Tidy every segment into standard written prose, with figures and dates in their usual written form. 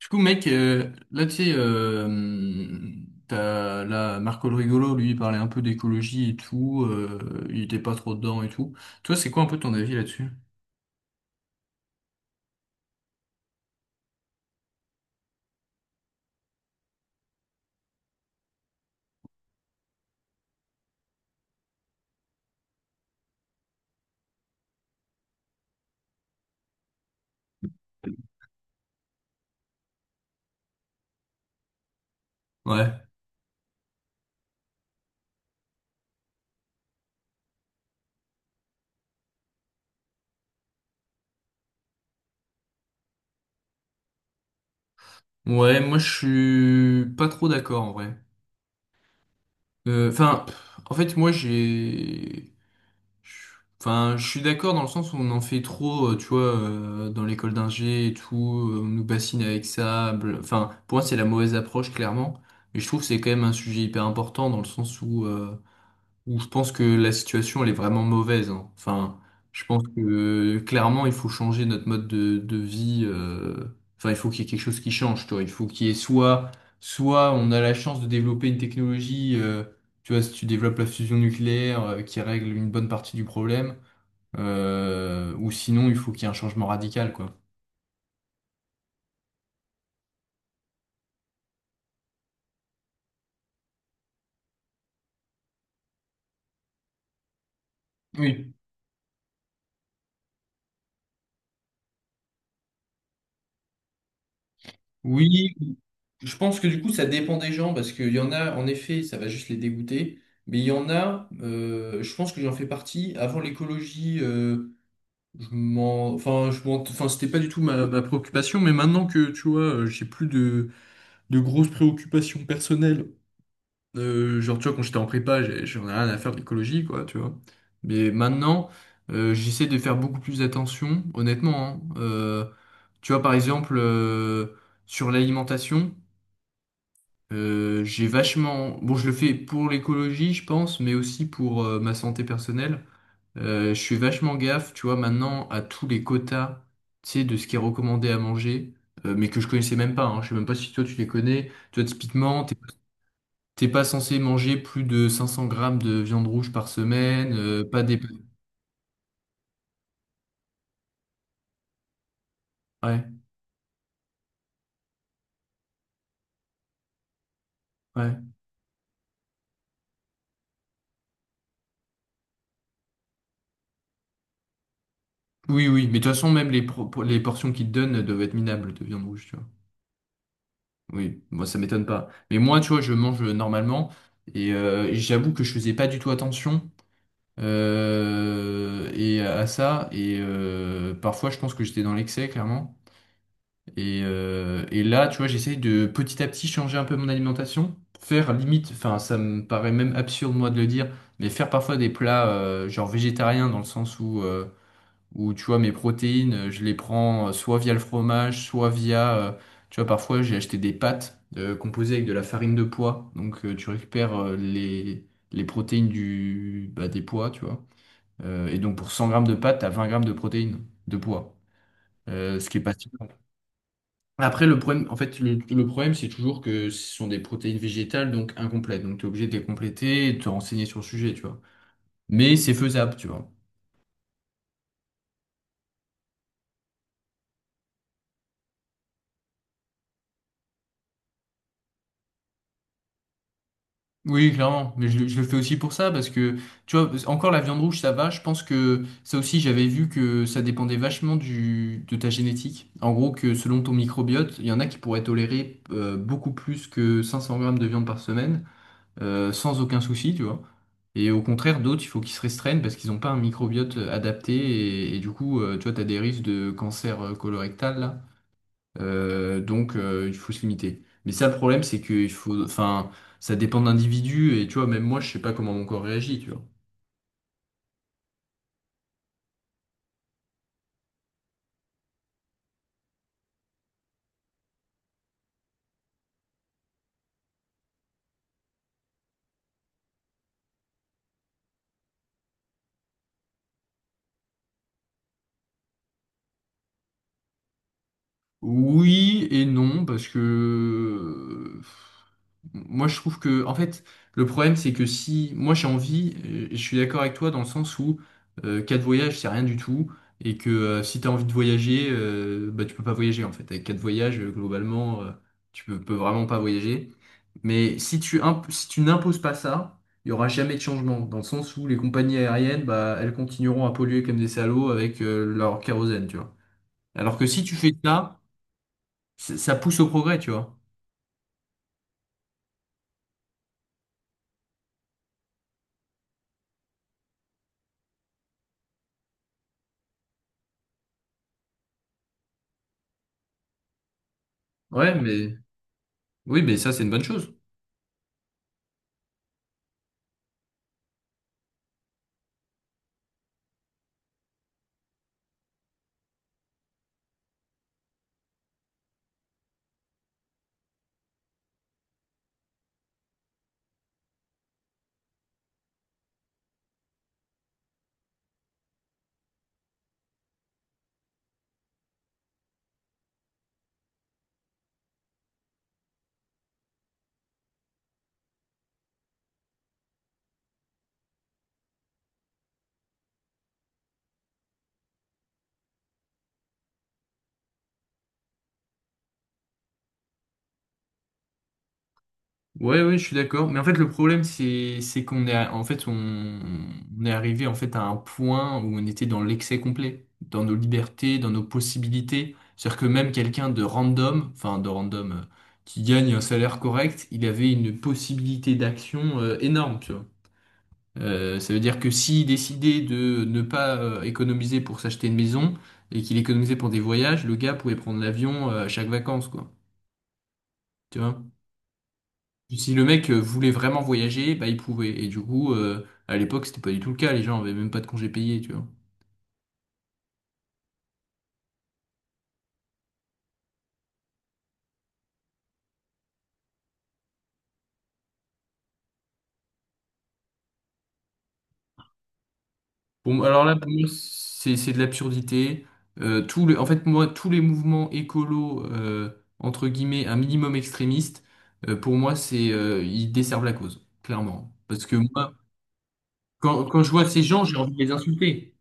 Du coup, mec, là, tu sais, t'as, là, Marco le Rigolo, lui, il parlait un peu d'écologie et tout, il était pas trop dedans et tout. Toi, c'est quoi un peu ton avis là-dessus? Ouais. Ouais, moi, je suis pas trop d'accord, en vrai. Euh, Enfin, en fait, Enfin, je suis d'accord dans le sens où on en fait trop, tu vois, dans l'école d'ingé et tout, on nous bassine avec ça. Enfin, pour moi, c'est la mauvaise approche, clairement. Mais je trouve que c'est quand même un sujet hyper important dans le sens où je pense que la situation elle est vraiment mauvaise, hein. Enfin, je pense que clairement il faut changer notre mode de vie. Enfin, il faut qu'il y ait quelque chose qui change, toi. Il faut qu'il y ait soit on a la chance de développer une technologie. Tu vois, si tu développes la fusion nucléaire qui règle une bonne partie du problème, ou sinon il faut qu'il y ait un changement radical, quoi. Oui. Oui, je pense que du coup, ça dépend des gens, parce qu'il y en a, en effet, ça va juste les dégoûter, mais il y en a, je pense que j'en fais partie. Avant l'écologie, c'était pas du tout ma préoccupation, mais maintenant que, tu vois, j'ai plus de grosses préoccupations personnelles, genre, tu vois, quand j'étais en prépa, j'en ai rien à faire de l'écologie, quoi, tu vois. Mais maintenant, j'essaie de faire beaucoup plus attention, honnêtement, hein. Tu vois, par exemple, sur l'alimentation. Bon, je le fais pour l'écologie, je pense, mais aussi pour ma santé personnelle. Je fais vachement gaffe, tu vois, maintenant à tous les quotas, tu sais, de ce qui est recommandé à manger, mais que je connaissais même pas, hein. Je sais même pas si toi tu les connais. Tu vois, typiquement, t'es pas censé manger plus de 500 grammes de viande rouge par semaine, pas des... Ouais, ouais. Oui, oui, mais de toute façon, même les portions qu'ils te donnent doivent être minables de viande rouge, tu vois. Oui, moi ça m'étonne pas. Mais moi, tu vois, je mange normalement et j'avoue que je faisais pas du tout attention et à ça et parfois je pense que j'étais dans l'excès clairement. Et là, tu vois, j'essaye de petit à petit changer un peu mon alimentation, faire limite, enfin ça me paraît même absurde moi de le dire, mais faire parfois des plats genre végétariens dans le sens où ou tu vois mes protéines, je les prends soit via le fromage, tu vois, parfois j'ai acheté des pâtes composées avec de la farine de pois, donc tu récupères les protéines bah, des pois, tu vois. Et donc pour 100 grammes de pâtes, t'as 20 grammes de protéines de pois, ce qui est pas si mal. Après, le problème, c'est toujours que ce sont des protéines végétales, donc incomplètes. Donc, tu es obligé de les compléter et de te renseigner sur le sujet, tu vois. Mais c'est faisable, tu vois. Oui, clairement, mais je le fais aussi pour ça parce que tu vois, encore la viande rouge, ça va. Je pense que ça aussi, j'avais vu que ça dépendait vachement de ta génétique. En gros, que selon ton microbiote, il y en a qui pourraient tolérer beaucoup plus que 500 grammes de viande par semaine sans aucun souci, tu vois. Et au contraire, d'autres, il faut qu'ils se restreignent parce qu'ils n'ont pas un microbiote adapté et du coup, tu vois, tu as des risques de cancer colorectal là. Il faut se limiter. Mais ça, le problème, c'est que il faut, enfin, ça dépend d'individus et tu vois, même moi, je sais pas comment mon corps réagit, tu vois. Oui et non, parce que moi je trouve que en fait le problème c'est que si moi j'ai envie, et je suis d'accord avec toi dans le sens où 4 voyages c'est rien du tout et que si t'as envie de voyager, bah tu peux pas voyager en fait avec 4 voyages globalement tu peux vraiment pas voyager. Mais si tu n'imposes pas ça, il y aura jamais de changement dans le sens où les compagnies aériennes bah elles continueront à polluer comme des salauds avec leur kérosène, tu vois. Alors que si tu fais ça ça pousse au progrès, tu vois. Ouais, mais oui, mais ça, c'est une bonne chose. Ouais, ouais, je suis d'accord. Mais en fait, le problème, c'est qu'on est, à- en fait, on est arrivé en fait à un point où on était dans l'excès complet, dans nos libertés, dans nos possibilités. C'est-à-dire que même quelqu'un de random, enfin de random, qui gagne un salaire correct, il avait une possibilité d'action énorme, tu vois. Ça veut dire que s'il décidait de ne pas économiser pour s'acheter une maison et qu'il économisait pour des voyages, le gars pouvait prendre l'avion à chaque vacances, quoi. Tu vois? Si le mec voulait vraiment voyager, bah il pouvait. Et du coup, à l'époque, c'était pas du tout le cas. Les gens avaient même pas de congés payés, tu vois. Alors là, pour moi, c'est de l'absurdité. Tout le, en fait, moi, tous les mouvements écolos, entre guillemets, un minimum extrémiste, pour moi, ils desservent la cause, clairement. Parce que moi, quand je vois ces gens, j'ai envie de les insulter.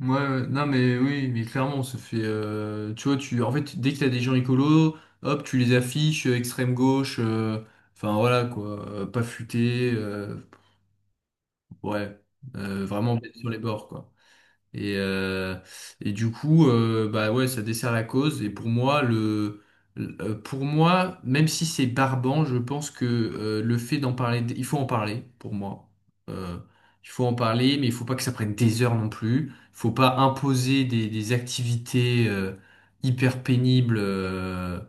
Ouais, ouais. Non mais oui, mais clairement, ça fait, tu vois, dès que t'as des gens écolos, hop, tu les affiches, extrême gauche, enfin voilà quoi, pas futé, ouais, vraiment bête sur les bords quoi. Et, euh, et du coup, bah ouais, ça dessert la cause. Et pour moi, pour moi, même si c'est barbant, je pense que le fait d'en parler, il faut en parler, pour moi. Euh, il faut en parler, mais il faut pas que ça prenne des heures non plus. Il faut pas imposer des activités euh, hyper pénibles euh,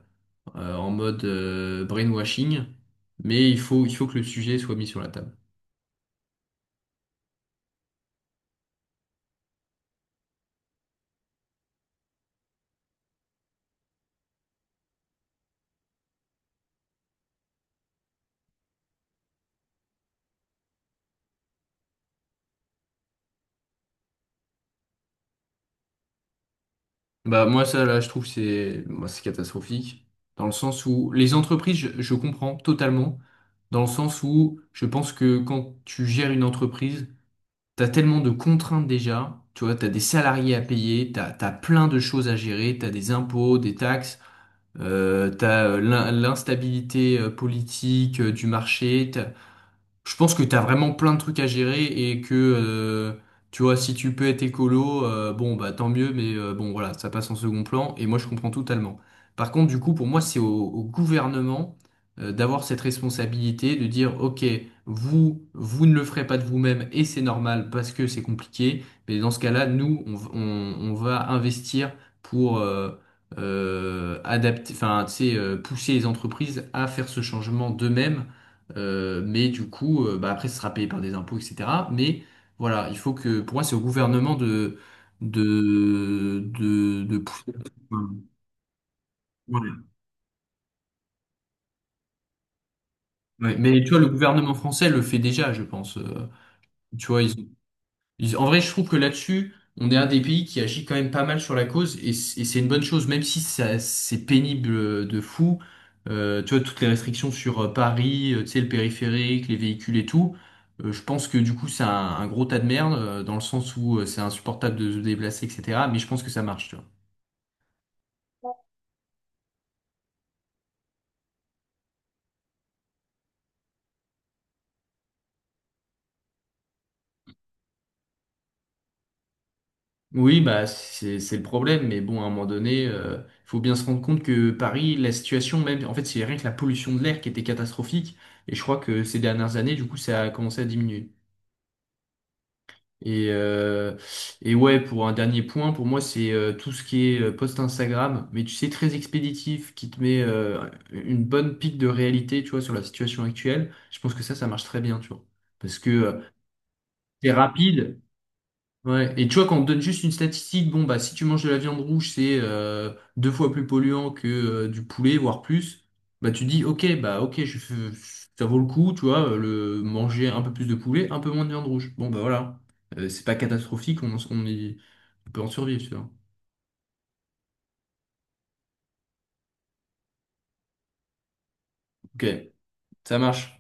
euh, en mode brainwashing. Mais il faut que le sujet soit mis sur la table. Bah moi ça là je trouve que c'est catastrophique dans le sens où les entreprises je comprends totalement dans le sens où je pense que quand tu gères une entreprise t'as tellement de contraintes déjà tu vois t'as des salariés à payer t'as plein de choses à gérer t'as des impôts des taxes l'instabilité politique du marché je pense que t'as vraiment plein de trucs à gérer et que tu vois, si tu peux être écolo, bon bah tant mieux, mais bon voilà, ça passe en second plan et moi je comprends totalement. Par contre, du coup, pour moi, c'est au gouvernement d'avoir cette responsabilité de dire, ok, vous, vous ne le ferez pas de vous-même et c'est normal parce que c'est compliqué, mais dans ce cas-là, nous, on, v- on va investir pour adapter, enfin, tu sais, pousser les entreprises à faire ce changement d'eux-mêmes mais du coup, bah après, ce sera payé par des impôts, etc. Mais voilà, pour moi, c'est au gouvernement de pousser. Enfin, Ouais. Ouais. Mais tu vois, le gouvernement français le fait déjà, je pense. Tu vois, en vrai, je trouve que là-dessus, on est un des pays qui agit quand même pas mal sur la cause et c'est une bonne chose, même si c'est pénible de fou. Tu vois, toutes les restrictions sur Paris, tu sais, le périphérique, les véhicules et tout. Je pense que du coup, c'est un gros tas de merde dans le sens où c'est insupportable de se déplacer, etc. Mais je pense que ça marche, tu vois. Oui, bah c'est le problème, mais bon, à un moment donné, faut bien se rendre compte que Paris, la situation même, en fait, c'est rien que la pollution de l'air qui était catastrophique, et je crois que ces dernières années, du coup, ça a commencé à diminuer. Et, euh, et ouais, pour un dernier point, pour moi, c'est tout ce qui est post Instagram, mais tu sais, très expéditif, qui te met une bonne pique de réalité, tu vois, sur la situation actuelle. Je pense que ça marche très bien, tu vois. Parce que c'est rapide, ouais, et tu vois, quand on te donne juste une statistique, bon, bah, si tu manges de la viande rouge, c'est deux fois plus polluant que du poulet, voire plus, bah, tu dis, ok, bah, ok, ça vaut le coup, tu vois, le manger un peu plus de poulet, un peu moins de viande rouge. Bon, bah, voilà. C'est pas catastrophique, on peut en survivre, tu vois. Ok, ça marche.